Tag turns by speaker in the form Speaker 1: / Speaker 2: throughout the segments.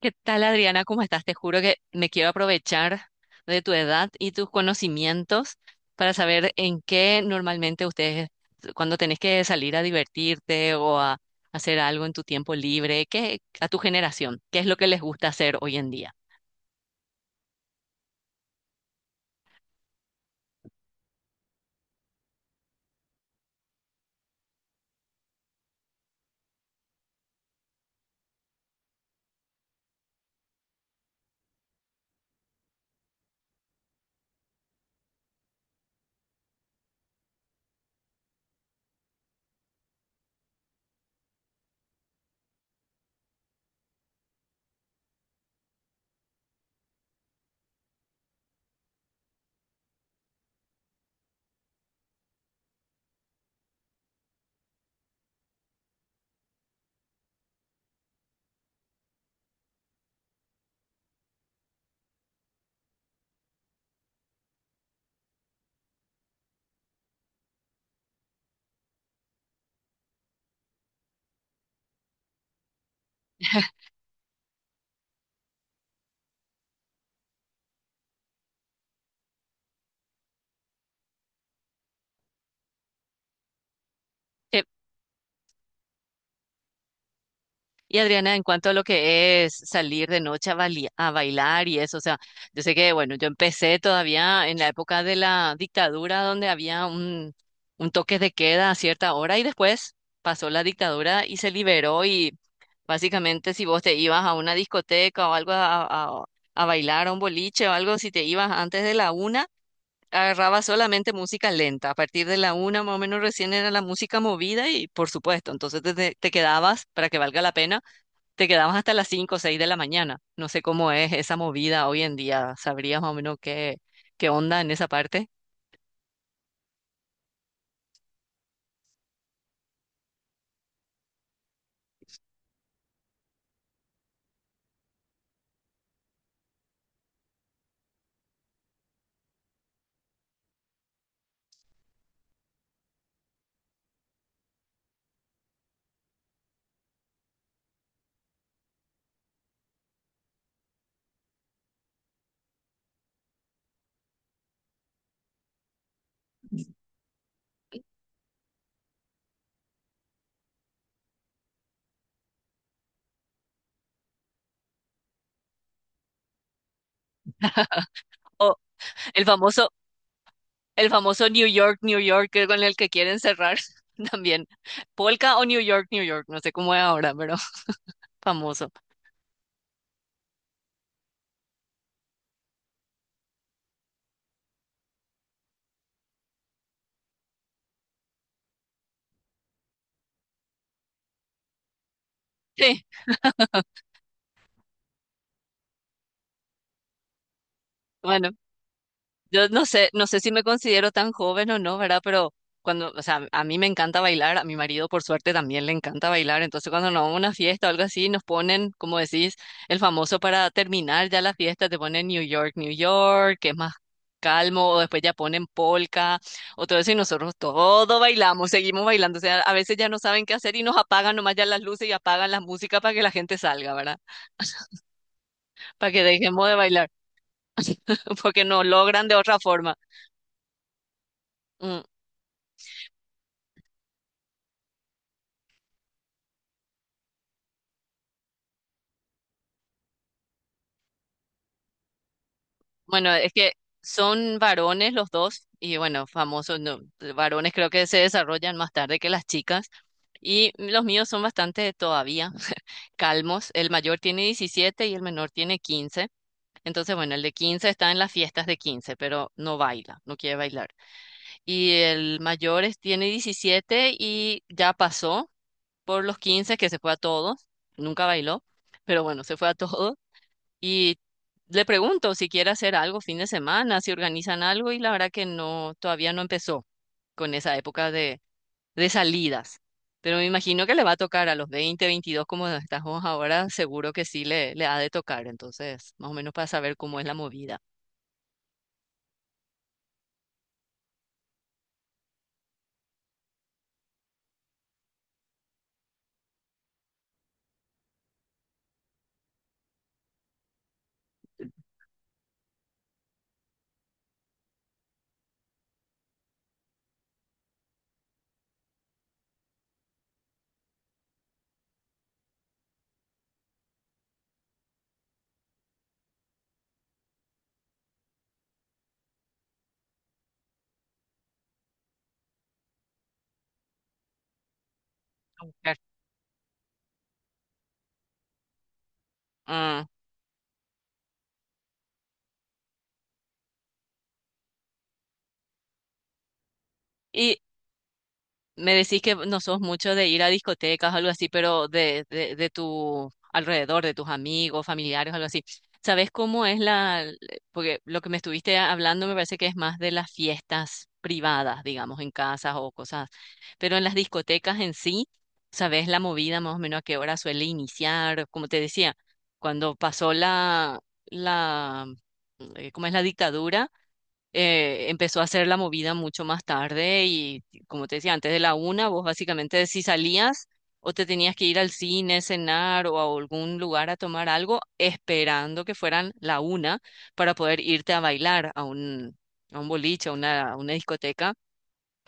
Speaker 1: ¿Qué tal, Adriana? ¿Cómo estás? Te juro que me quiero aprovechar de tu edad y tus conocimientos para saber en qué normalmente ustedes, cuando tenés que salir a divertirte o a hacer algo en tu tiempo libre, qué, a tu generación, qué es lo que les gusta hacer hoy en día. Eh, Y Adriana, en cuanto a lo que es salir de noche a, a bailar y eso, o sea, yo sé que, bueno, yo empecé todavía en la época de la dictadura donde había un toque de queda a cierta hora y después pasó la dictadura y se liberó y básicamente si vos te ibas a una discoteca o algo a bailar, a un boliche o algo, si te ibas antes de la una, agarrabas solamente música lenta. A partir de la una más o menos recién era la música movida y por supuesto, entonces te quedabas para que valga la pena te quedabas hasta las cinco o seis de la mañana. No sé cómo es esa movida hoy en día. ¿Sabrías más o menos qué, qué onda en esa parte? O el famoso, el famoso New York, New York, que con el que quieren cerrar también. Polka o New York, New York. No sé cómo es ahora, pero famoso. Sí, bueno. Yo no sé, no sé si me considero tan joven o no, ¿verdad? Pero cuando, o sea, a mí me encanta bailar, a mi marido por suerte también le encanta bailar, entonces cuando nos vamos a una fiesta o algo así, nos ponen, como decís, el famoso para terminar ya la fiesta, te ponen New York, New York, que es más calmo, o después ya ponen polka, o todo eso, y nosotros todo bailamos, seguimos bailando, o sea, a veces ya no saben qué hacer y nos apagan nomás ya las luces y apagan la música para que la gente salga, ¿verdad? Para que dejemos de bailar, porque no logran de otra forma. Mm, Bueno, es que son varones los dos y bueno, famosos, no, varones creo que se desarrollan más tarde que las chicas y los míos son bastante todavía calmos. El mayor tiene 17 y el menor tiene 15. Entonces, bueno, el de 15 está en las fiestas de 15, pero no baila, no quiere bailar. Y el mayor tiene 17 y ya pasó por los 15 que se fue a todos, nunca bailó, pero bueno, se fue a todos. Y le pregunto si quiere hacer algo fin de semana, si organizan algo, y la verdad que no, todavía no empezó con esa época de salidas. Pero me imagino que le va a tocar a los 20 22 como estamos ahora, seguro que sí le ha de tocar. Entonces, más o menos para saber cómo es la movida. A buscar. Ah, y me decís que no sos mucho de ir a discotecas o algo así, pero de tu alrededor, de tus amigos, familiares, algo así. ¿Sabes cómo es la...? Porque lo que me estuviste hablando me parece que es más de las fiestas privadas, digamos, en casas o cosas. Pero en las discotecas en sí, ¿sabes la movida más o menos a qué hora suele iniciar? Como te decía, cuando pasó la, ¿cómo es la dictadura? Empezó a hacer la movida mucho más tarde y como te decía, antes de la una, vos básicamente si salías o te tenías que ir al cine, cenar o a algún lugar a tomar algo, esperando que fueran la una para poder irte a bailar a un boliche, a una discoteca,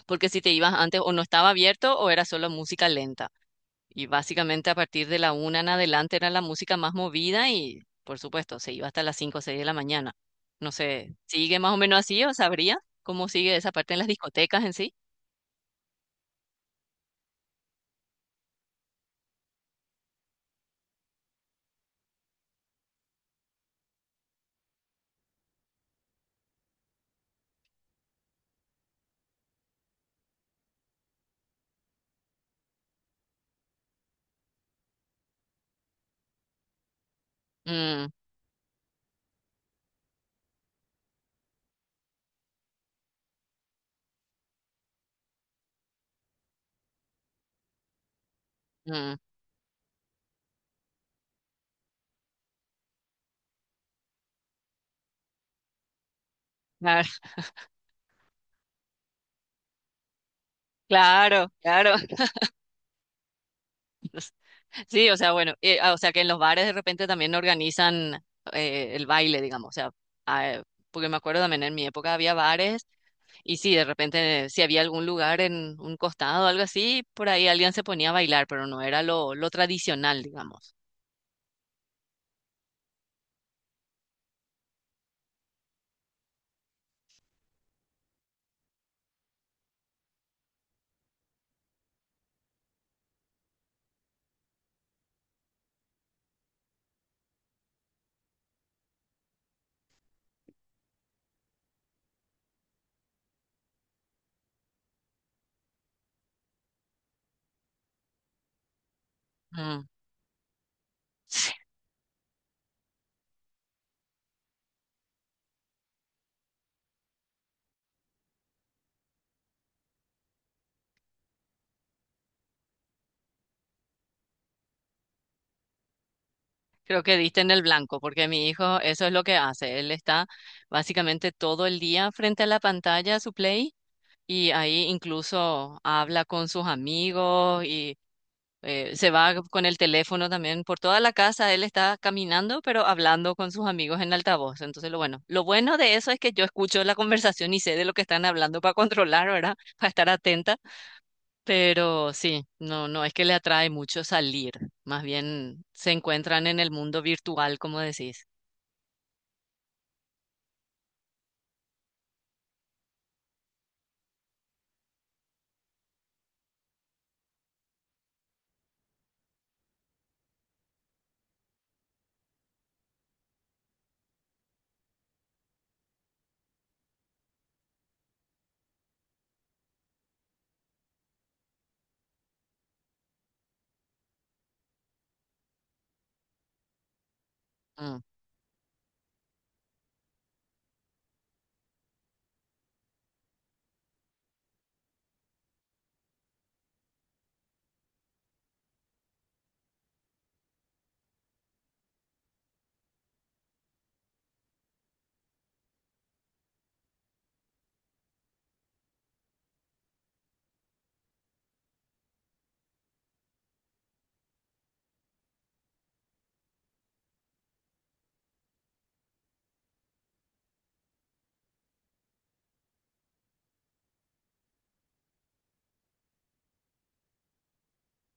Speaker 1: porque si te ibas antes o no estaba abierto o era solo música lenta. Y básicamente a partir de la una en adelante era la música más movida y, por supuesto, se iba hasta las cinco o seis de la mañana. No sé, ¿sigue más o menos así o sabría cómo sigue esa parte en las discotecas en sí? Mm, mm, claro. Claro, claro. Sí, o sea, bueno, o sea que en los bares de repente también organizan el baile, digamos, o sea, ah, porque me acuerdo también en mi época había bares. Y sí, de repente, si había algún lugar en un costado o algo así, por ahí alguien se ponía a bailar, pero no era lo tradicional, digamos. Mm, sí. Creo que diste en el blanco, porque mi hijo eso es lo que hace. Él está básicamente todo el día frente a la pantalla, su play, y ahí incluso habla con sus amigos y se va con el teléfono también por toda la casa, él está caminando, pero hablando con sus amigos en altavoz. Entonces, lo bueno de eso es que yo escucho la conversación y sé de lo que están hablando para controlar, ¿verdad? Para estar atenta, pero sí, no, no es que le atrae mucho salir, más bien se encuentran en el mundo virtual, como decís. Mm.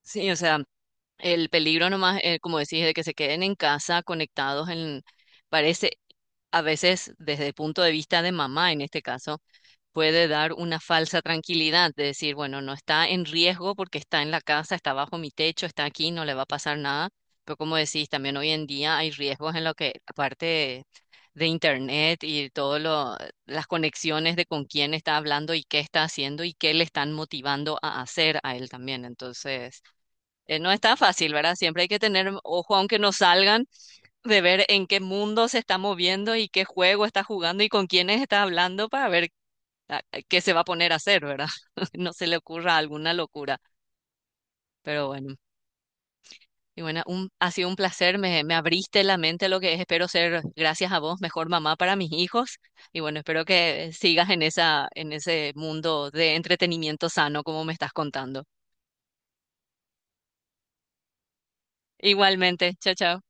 Speaker 1: Sí, o sea, el peligro nomás, como decís, de que se queden en casa conectados en, parece a veces desde el punto de vista de mamá en este caso puede dar una falsa tranquilidad de decir, bueno, no está en riesgo porque está en la casa, está bajo mi techo, está aquí, no le va a pasar nada. Pero como decís, también hoy en día hay riesgos en lo que, aparte de internet y todas las conexiones de con quién está hablando y qué está haciendo y qué le están motivando a hacer a él también. Entonces, no está fácil, ¿verdad? Siempre hay que tener ojo, aunque no salgan, de ver en qué mundo se está moviendo y qué juego está jugando y con quiénes está hablando para ver ¿qué se va a poner a hacer, verdad? No se le ocurra alguna locura, pero bueno. Y bueno, ha sido un placer, me abriste la mente a lo que es, espero ser, gracias a vos, mejor mamá para mis hijos. Y bueno, espero que sigas en esa, en ese mundo de entretenimiento sano como me estás contando. Igualmente, chao, chao.